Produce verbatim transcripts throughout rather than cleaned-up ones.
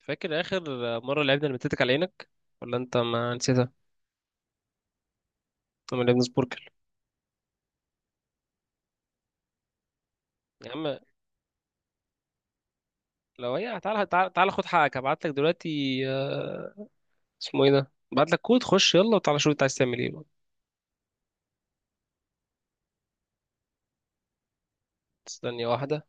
فاكر اخر مره لعبنا المتتك على عينك، ولا انت ما نسيتها؟ لما لعبنا سبوركل. يا عم، لو هي تعالى تعالى تعالى خد حقك، هبعت لك دلوقتي. آه، اسمه ايه ده، هبعت لك كود، خش يلا وتعالى شوف انت عايز تعمل ايه بقى. ثانيه واحده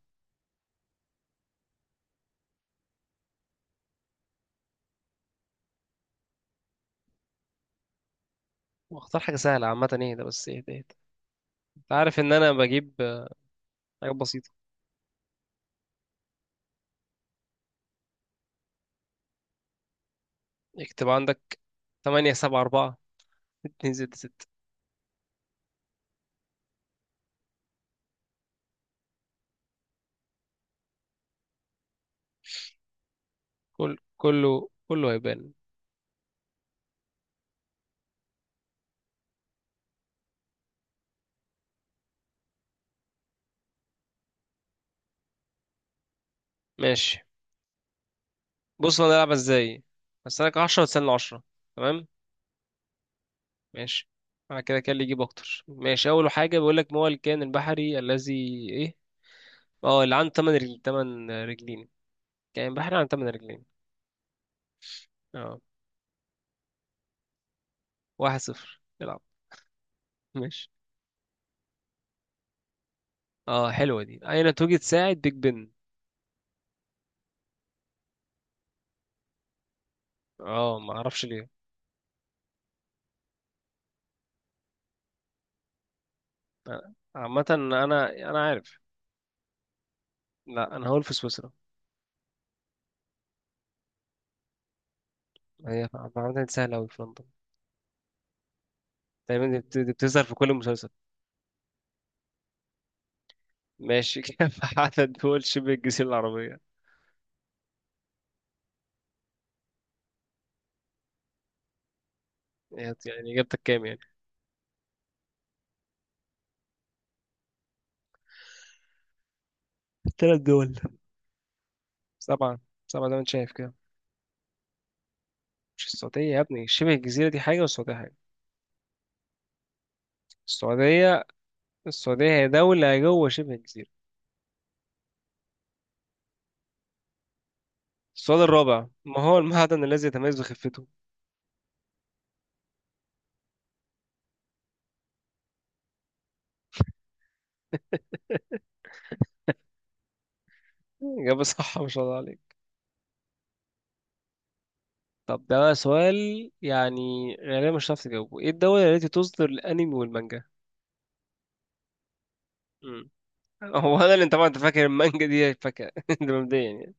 واختار حاجه سهله. عامه ايه ده بس ايه ده إيه ده. انت عارف ان انا بجيب آه، حاجات بسيطه. اكتب عندك: ثمانية سبعة أربعة اثنين ستة ستة. كل كله كله هيبان. ماشي، بص انا هلعبها ازاي. هستناك عشرة وتستنى عشرة. تمام. ماشي، معنى كده كان اللي يجيب اكتر ماشي. اول حاجه بيقول لك: ما هو الكائن البحري الذي ايه، اه، اللي عنده تمن رجل، تمن رجلين؟ كائن بحري عنده تمن رجلين. اه، واحد صفر، العب. ماشي. اه حلوه دي: اين توجد ساعه بيج بن؟ اه، ما اعرفش ليه. آه، عامه انا، انا عارف. لا، انا هقول في سويسرا. هي عامه دي سهله قوي، في لندن. تقريبا دي بت- دي بتظهر في كل مسلسل. ماشي. كام عدد دول شبه الجزيره العربيه؟ يعني اجابتك كام يعني؟ ثلاث دول. سبعه. سبعه ده، مش شايف كده؟ مش السعودية يا ابني، شبه الجزيرة دي حاجة والسعودية حاجة. السعودية، السعودية هي دولة جوه شبه الجزيرة. السؤال الرابع: ما هو المعدن الذي يتميز بخفته؟ إجابة صح، ما شاء الله عليك. طب ده بقى سؤال يعني غالبا مش هتعرف تجاوبه: ايه الدولة التي تصدر الأنمي والمانجا؟ مم. هو انا اللي انت، طبعا انت فاكر المانجا دي فاكهة. ده مبدئيا يعني.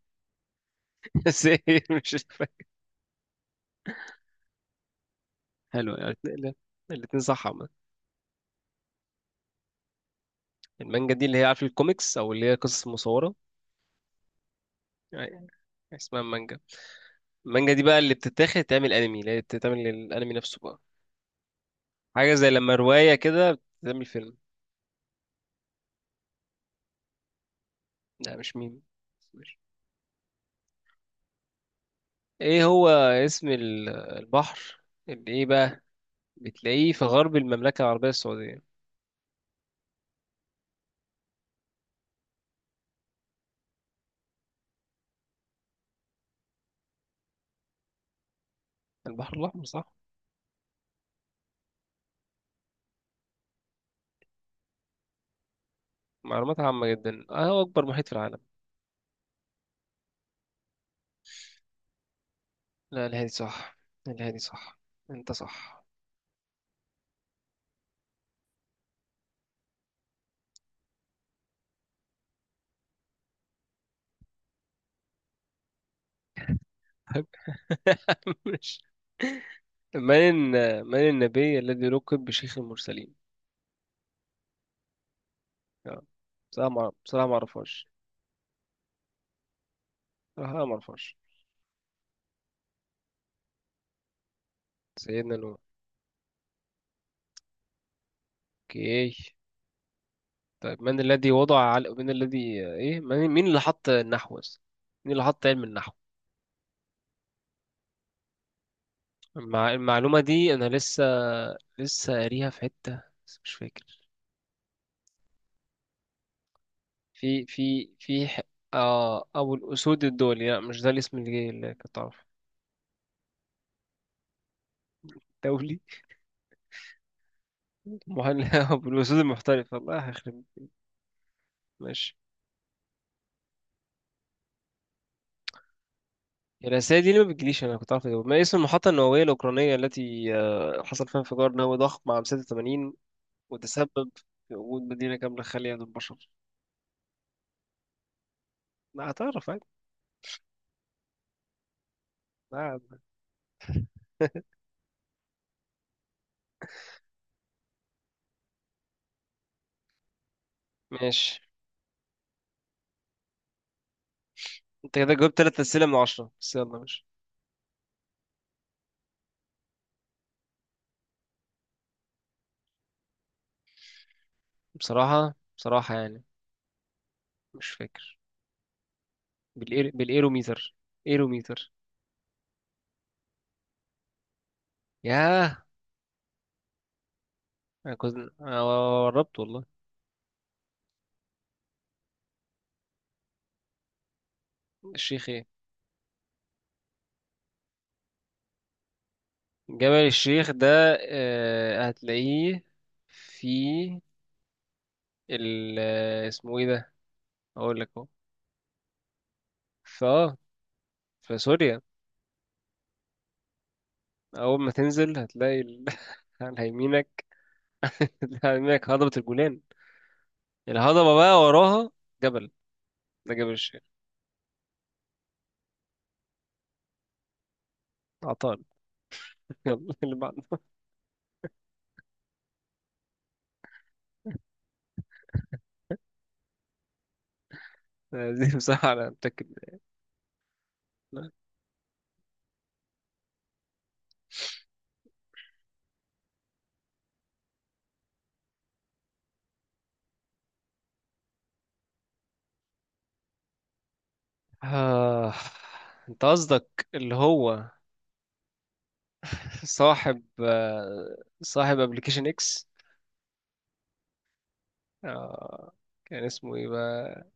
بس إيه، مش فاكر. حلو، يعني الاتنين، الاتنين صح عامة. المانجا دي اللي هي، عارف، الكوميكس، او اللي هي قصص مصورة يعني. اسمها مانجا. المانجا دي بقى اللي بتتاخد تعمل انمي، اللي هي بتتعمل للانمي نفسه بقى. حاجه زي لما روايه كده بتعمل فيلم. لا، مش ميم. ماشي. ايه هو اسم ال- البحر اللي ايه بقى، بتلاقيه في غرب المملكه العربيه السعوديه؟ البحر الاحمر صح. معلومات عامه جدا. آه، هو اكبر محيط في العالم؟ لا، الهادي صح. الهادي صح. انت صح. مش من الن- من النبي الذي لقب بشيخ المرسلين؟ آه. بصراحه ما بصراحه ما اعرفهاش. بصراحه ما اعرفهاش. سيدنا نوح. اوكي. طيب من الذي وضع على من الذي ايه من- مين اللي حط النحو بس، مين اللي حط علم النحو؟ المع... المعلومة دي انا لسه لسه قاريها في حتة، بس مش فاكر. في في في ح... آه، ابو الاسود الدولي. لا مش ده الاسم اللي جاي، اللي كنت اعرفه. دولي محل. ابو الاسود المحترف، الله يخرب. ماشي. الرسائل دي ليه ما بتجيليش؟ انا كنت عارف اجاوب. ما اسم المحطة النووية الأوكرانية التي آه، حصل فيها انفجار نووي ضخم عام ستة وثمانين وتسبب في وجود مدينة كاملة خالية من البشر؟ هتعرف عادي. آه. ماشي. انت كده جاوبت تلات أسئلة من عشرة بس، يلا ماشي. بصراحة، بصراحة يعني مش فاكر. بالإير... بالإيروميتر. إيروميتر. ياه. أنا كنت أنا قربت والله. الشيخ إيه؟ جبل الشيخ ده، آه، هتلاقيه في ال آه، اسمه إيه ده، أقول لك أهو. فا، في سوريا. أول ما تنزل هتلاقي ال... على يمينك، على يمينك هضبة الجولان، الهضبة بقى وراها جبل، ده جبل الشيخ. عطال. يلا اللي بعده. آه، دي بصراحة أنا متأكد منها. آه. أنت قصدك اللي هو صاحب، آه، صاحب أبلكيشن إكس. آه. كان اسمه إيه بقى؟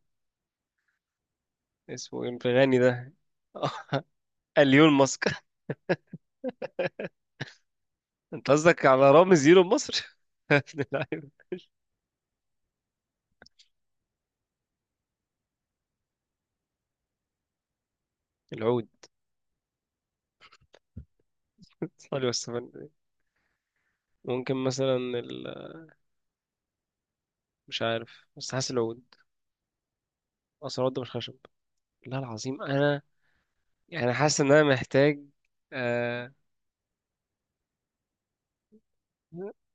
اسمه إيه الغني ده؟ اليون ماسك. أنت قصدك على رامز إيلون مصر. ابن اللعيبة. العود. صلي والسلام. ممكن مثلا ال... مش عارف، بس حاسس العود. أصل العود ده مش خشب؟ لا، العظيم أنا، يعني حاسس إن أنا محتاج، آه،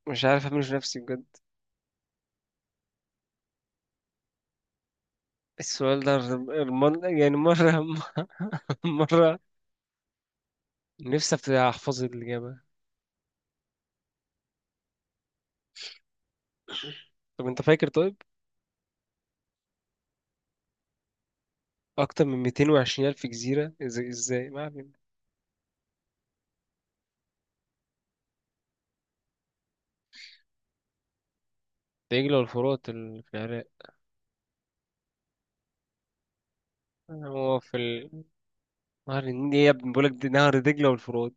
مش عارف أعمله في نفسي بجد. السؤال ده رم- رمان يعني، مرة. مرة نفسي أفت- أحفظ الإجابة. طب أنت فاكر طيب أكتر من مئتين وعشرين ألف جزيرة؟ إزاي، إزاي، ما علينا. دجلة والفرات ال- في العراق. هو في ال... نهر النيل إيه يا ابني، بقولك دي نهر دجلة والفرات.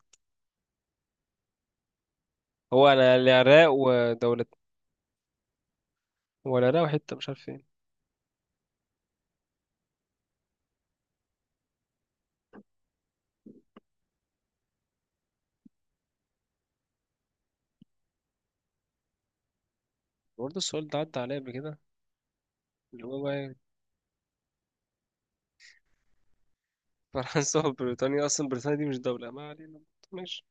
هو أنا العراق ودولة، هو العراق وحتة مش عارف فين. برضه السؤال ده عدى عليا قبل كده، اللي هو بقى فرنسا وبريطانيا. أصلا بريطانيا دي مش دولة، ما علينا. ماشي.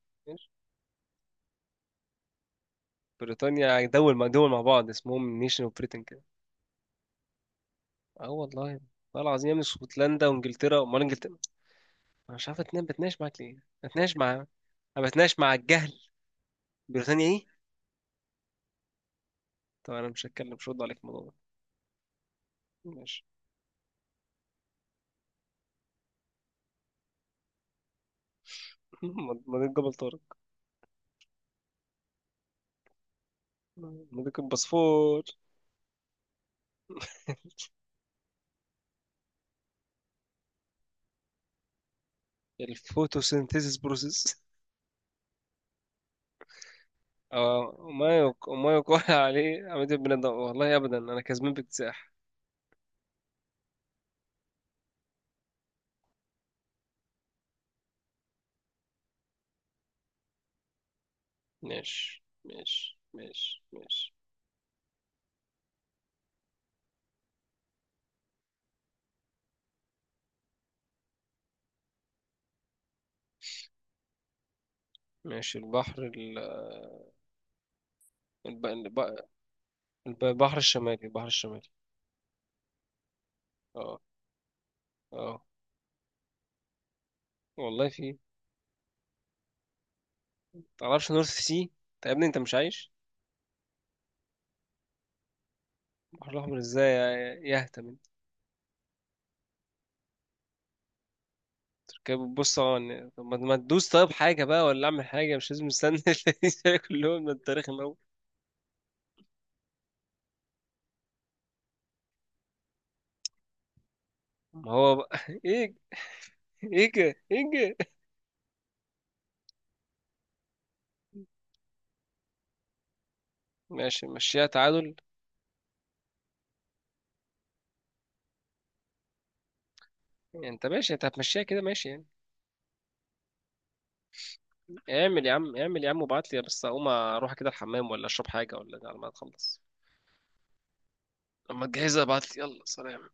بريطانيا يعني دول مع دول مع بعض، اسمهم نيشن اوف بريتن كده. اه والله. والله العظيم يا ابني، اسكتلندا وانجلترا، امال انجلترا. انا مش عارف، اتنين بتناقش معاك ليه، بتناقش مع، انا بتناقش مع الجهل. بريطانيا ايه؟ طب انا مش هتكلم، مش هرد عليك في الموضوع ده. ماشي. مضيق جبل طارق. مضيق البسفور. الفوتوسينثيسيس بروسيس. اه وما يق- وما يقال عليه عملية البناء الضوئي. والله ابدا انا كسبان باكتساح. ماشي ماشي ماشي ماشي. ماشي. البحر ال... الب... الب... البحر الشمالي، البحر الشمالي. اه. اه والله في. متعرفش نورث سي؟ طب يا ابني انت مش عايش. البحر الاحمر ازاي يا، يهتم انت. تركب، بص، اه إن، طب ما ما تدوس طيب حاجه بقى، ولا اعمل حاجه مش لازم استنى. الاتنين كلهم من التاريخ الاول. ما هو بقى. ايه، ايه كده؟ ايه كده؟ ماشي، مشيها تعادل. يعني انت ماشي، انت هتمشيها كده ماشي يعني. اعمل يا عم، اعمل يا عم وابعت لي، بس اقوم اروح كده الحمام ولا اشرب حاجه ولا، على ما تخلص. اما تجهزها ابعت لي، يلا سلام.